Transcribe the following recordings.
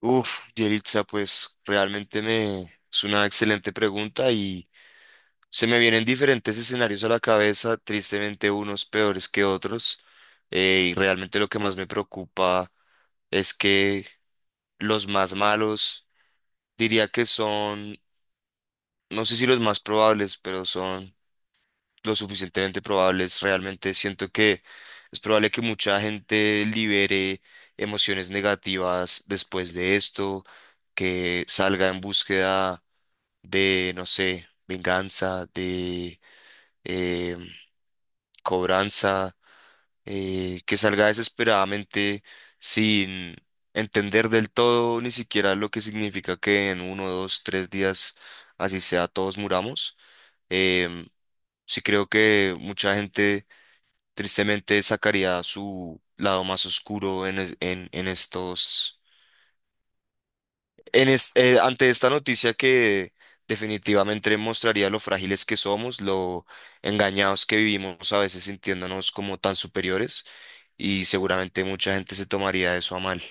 Uf, Yelitza, pues realmente me es una excelente pregunta y se me vienen diferentes escenarios a la cabeza, tristemente unos peores que otros. Y realmente lo que más me preocupa es que los más malos, diría que son, no sé si los más probables, pero son lo suficientemente probables. Realmente siento que es probable que mucha gente libere emociones negativas después de esto, que salga en búsqueda de, no sé, venganza, de eh, cobranza, que salga desesperadamente sin entender del todo ni siquiera lo que significa que en uno, dos, tres días, así sea, todos muramos. Em, sí creo que mucha gente tristemente sacaría su lado más oscuro en, es- en estos En es- ante esta noticia que definitivamente mostraría lo frágiles que somos, lo engañados que vivimos a veces sintiéndonos como tan superiores, y seguramente mucha gente se tomaría eso a mal.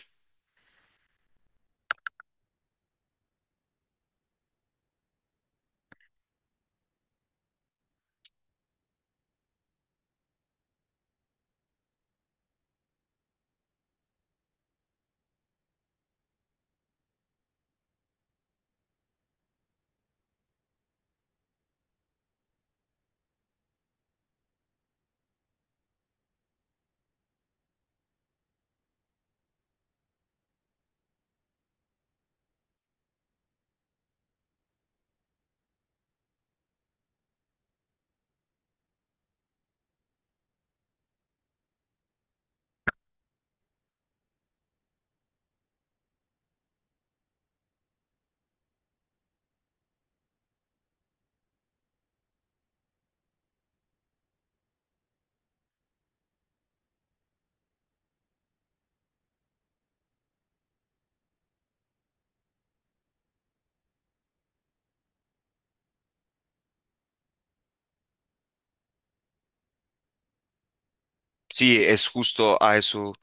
Sí, es justo a eso,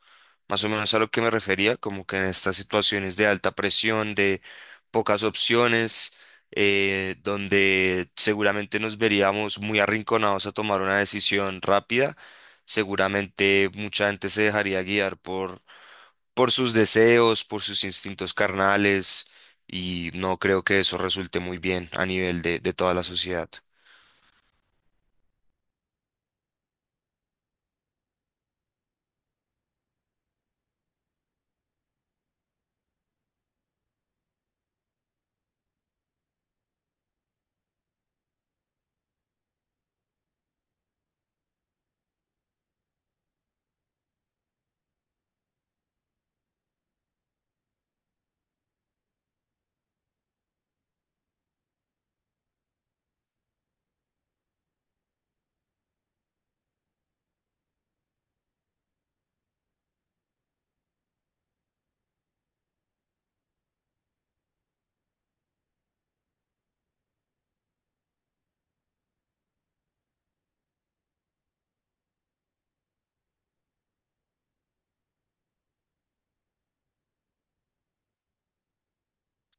más o menos a lo que me refería, como que en estas situaciones de alta presión, de pocas opciones, donde seguramente nos veríamos muy arrinconados a tomar una decisión rápida, seguramente mucha gente se dejaría guiar por sus deseos, por sus instintos carnales, y no creo que eso resulte muy bien a nivel de toda la sociedad.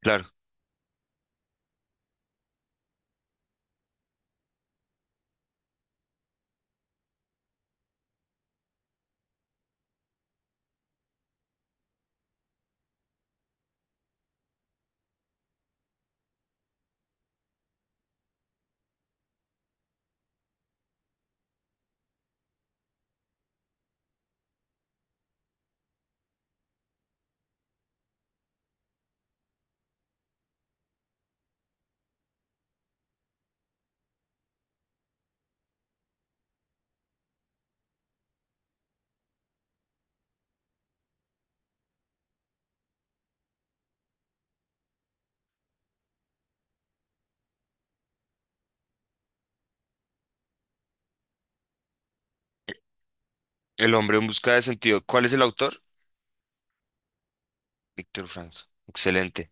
Claro. El hombre en busca de sentido. ¿Cuál es el autor? Víctor Frank. Excelente.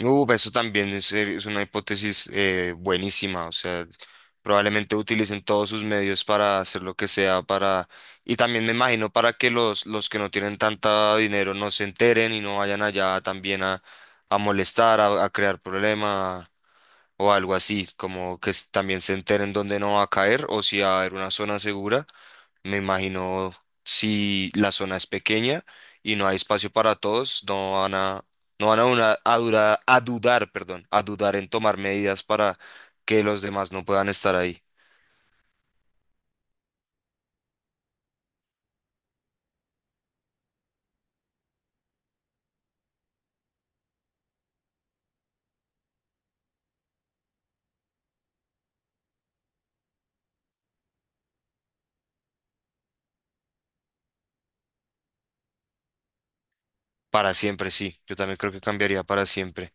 Eso también es una hipótesis buenísima. O sea, probablemente utilicen todos sus medios para hacer lo que sea para... Y también me imagino para que los que no tienen tanta dinero no se enteren y no vayan allá también a molestar, a crear problemas o algo así, como que también se enteren dónde no va a caer o si va a haber una zona segura. Me imagino, si la zona es pequeña y no hay espacio para todos, no van a, no van a, una- a, perdón, a dudar en tomar medidas para que los demás no puedan estar ahí. Para siempre, sí. Yo también creo que cambiaría para siempre.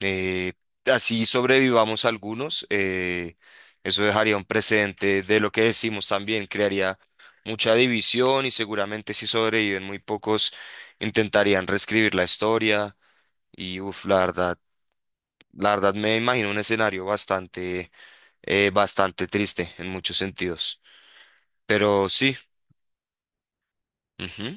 Eh, Así sobrevivamos algunos. Eso dejaría un precedente de lo que decimos también, crearía mucha división y, seguramente, si sobreviven muy pocos, intentarían reescribir la historia. Y la verdad, me imagino un escenario bastante triste en muchos sentidos. Pero sí, ujú.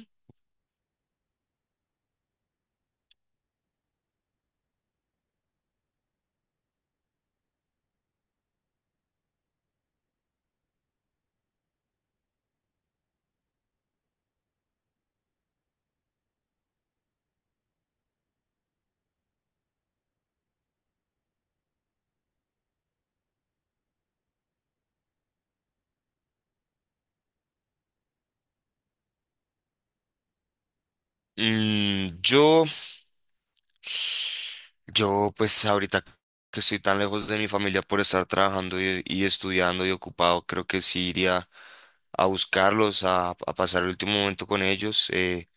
Mm, yo, yo pues ahorita que estoy tan lejos de mi familia por estar trabajando y estudiando y ocupado, creo que sí iría a buscarlos, a pasar el último momento con ellos.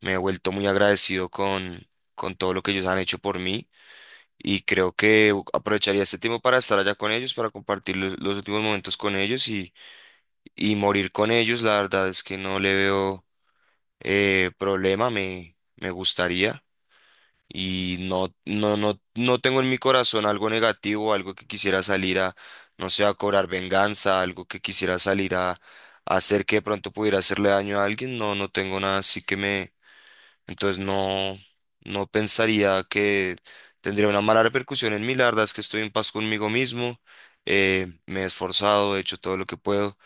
Me he vuelto muy agradecido con todo lo que ellos han hecho por mí, y creo que aprovecharía este tiempo para estar allá con ellos, para compartir los últimos momentos con ellos y morir con ellos. La verdad es que no le veo problema, me gustaría. Y no, no, no, no tengo en mi corazón algo negativo, algo que quisiera salir a, no sé, a cobrar venganza, algo que quisiera salir a hacer que de pronto pudiera hacerle daño a alguien. No, no tengo nada así que entonces no, no pensaría que tendría una mala repercusión en mí. La verdad es que estoy en paz conmigo mismo. Me he esforzado, he hecho todo lo que puedo,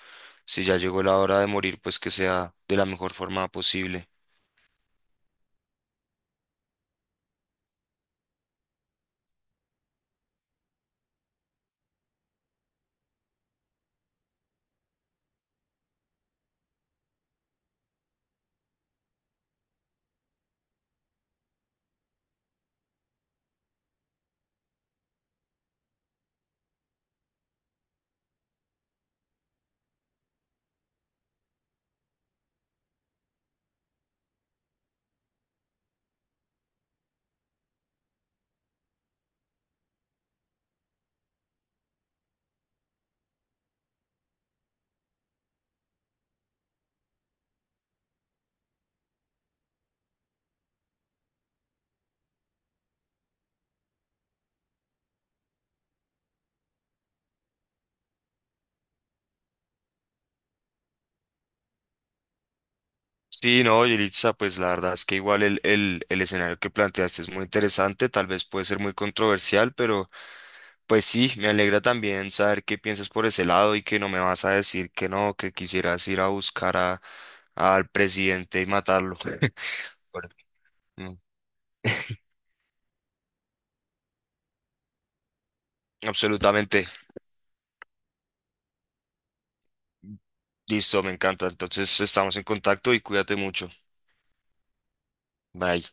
si ya llegó la hora de morir, pues que sea de la mejor forma posible. Sí, no, Yelitza, pues la verdad es que igual el escenario que planteaste es muy interesante, tal vez puede ser muy controversial, pero pues sí, me alegra también saber qué piensas por ese lado y que no me vas a decir que no, que quisieras ir a buscar al presidente y matarlo. Bueno, mm, absolutamente. Listo, me encanta. Entonces estamos en contacto y cuídate mucho. Bye.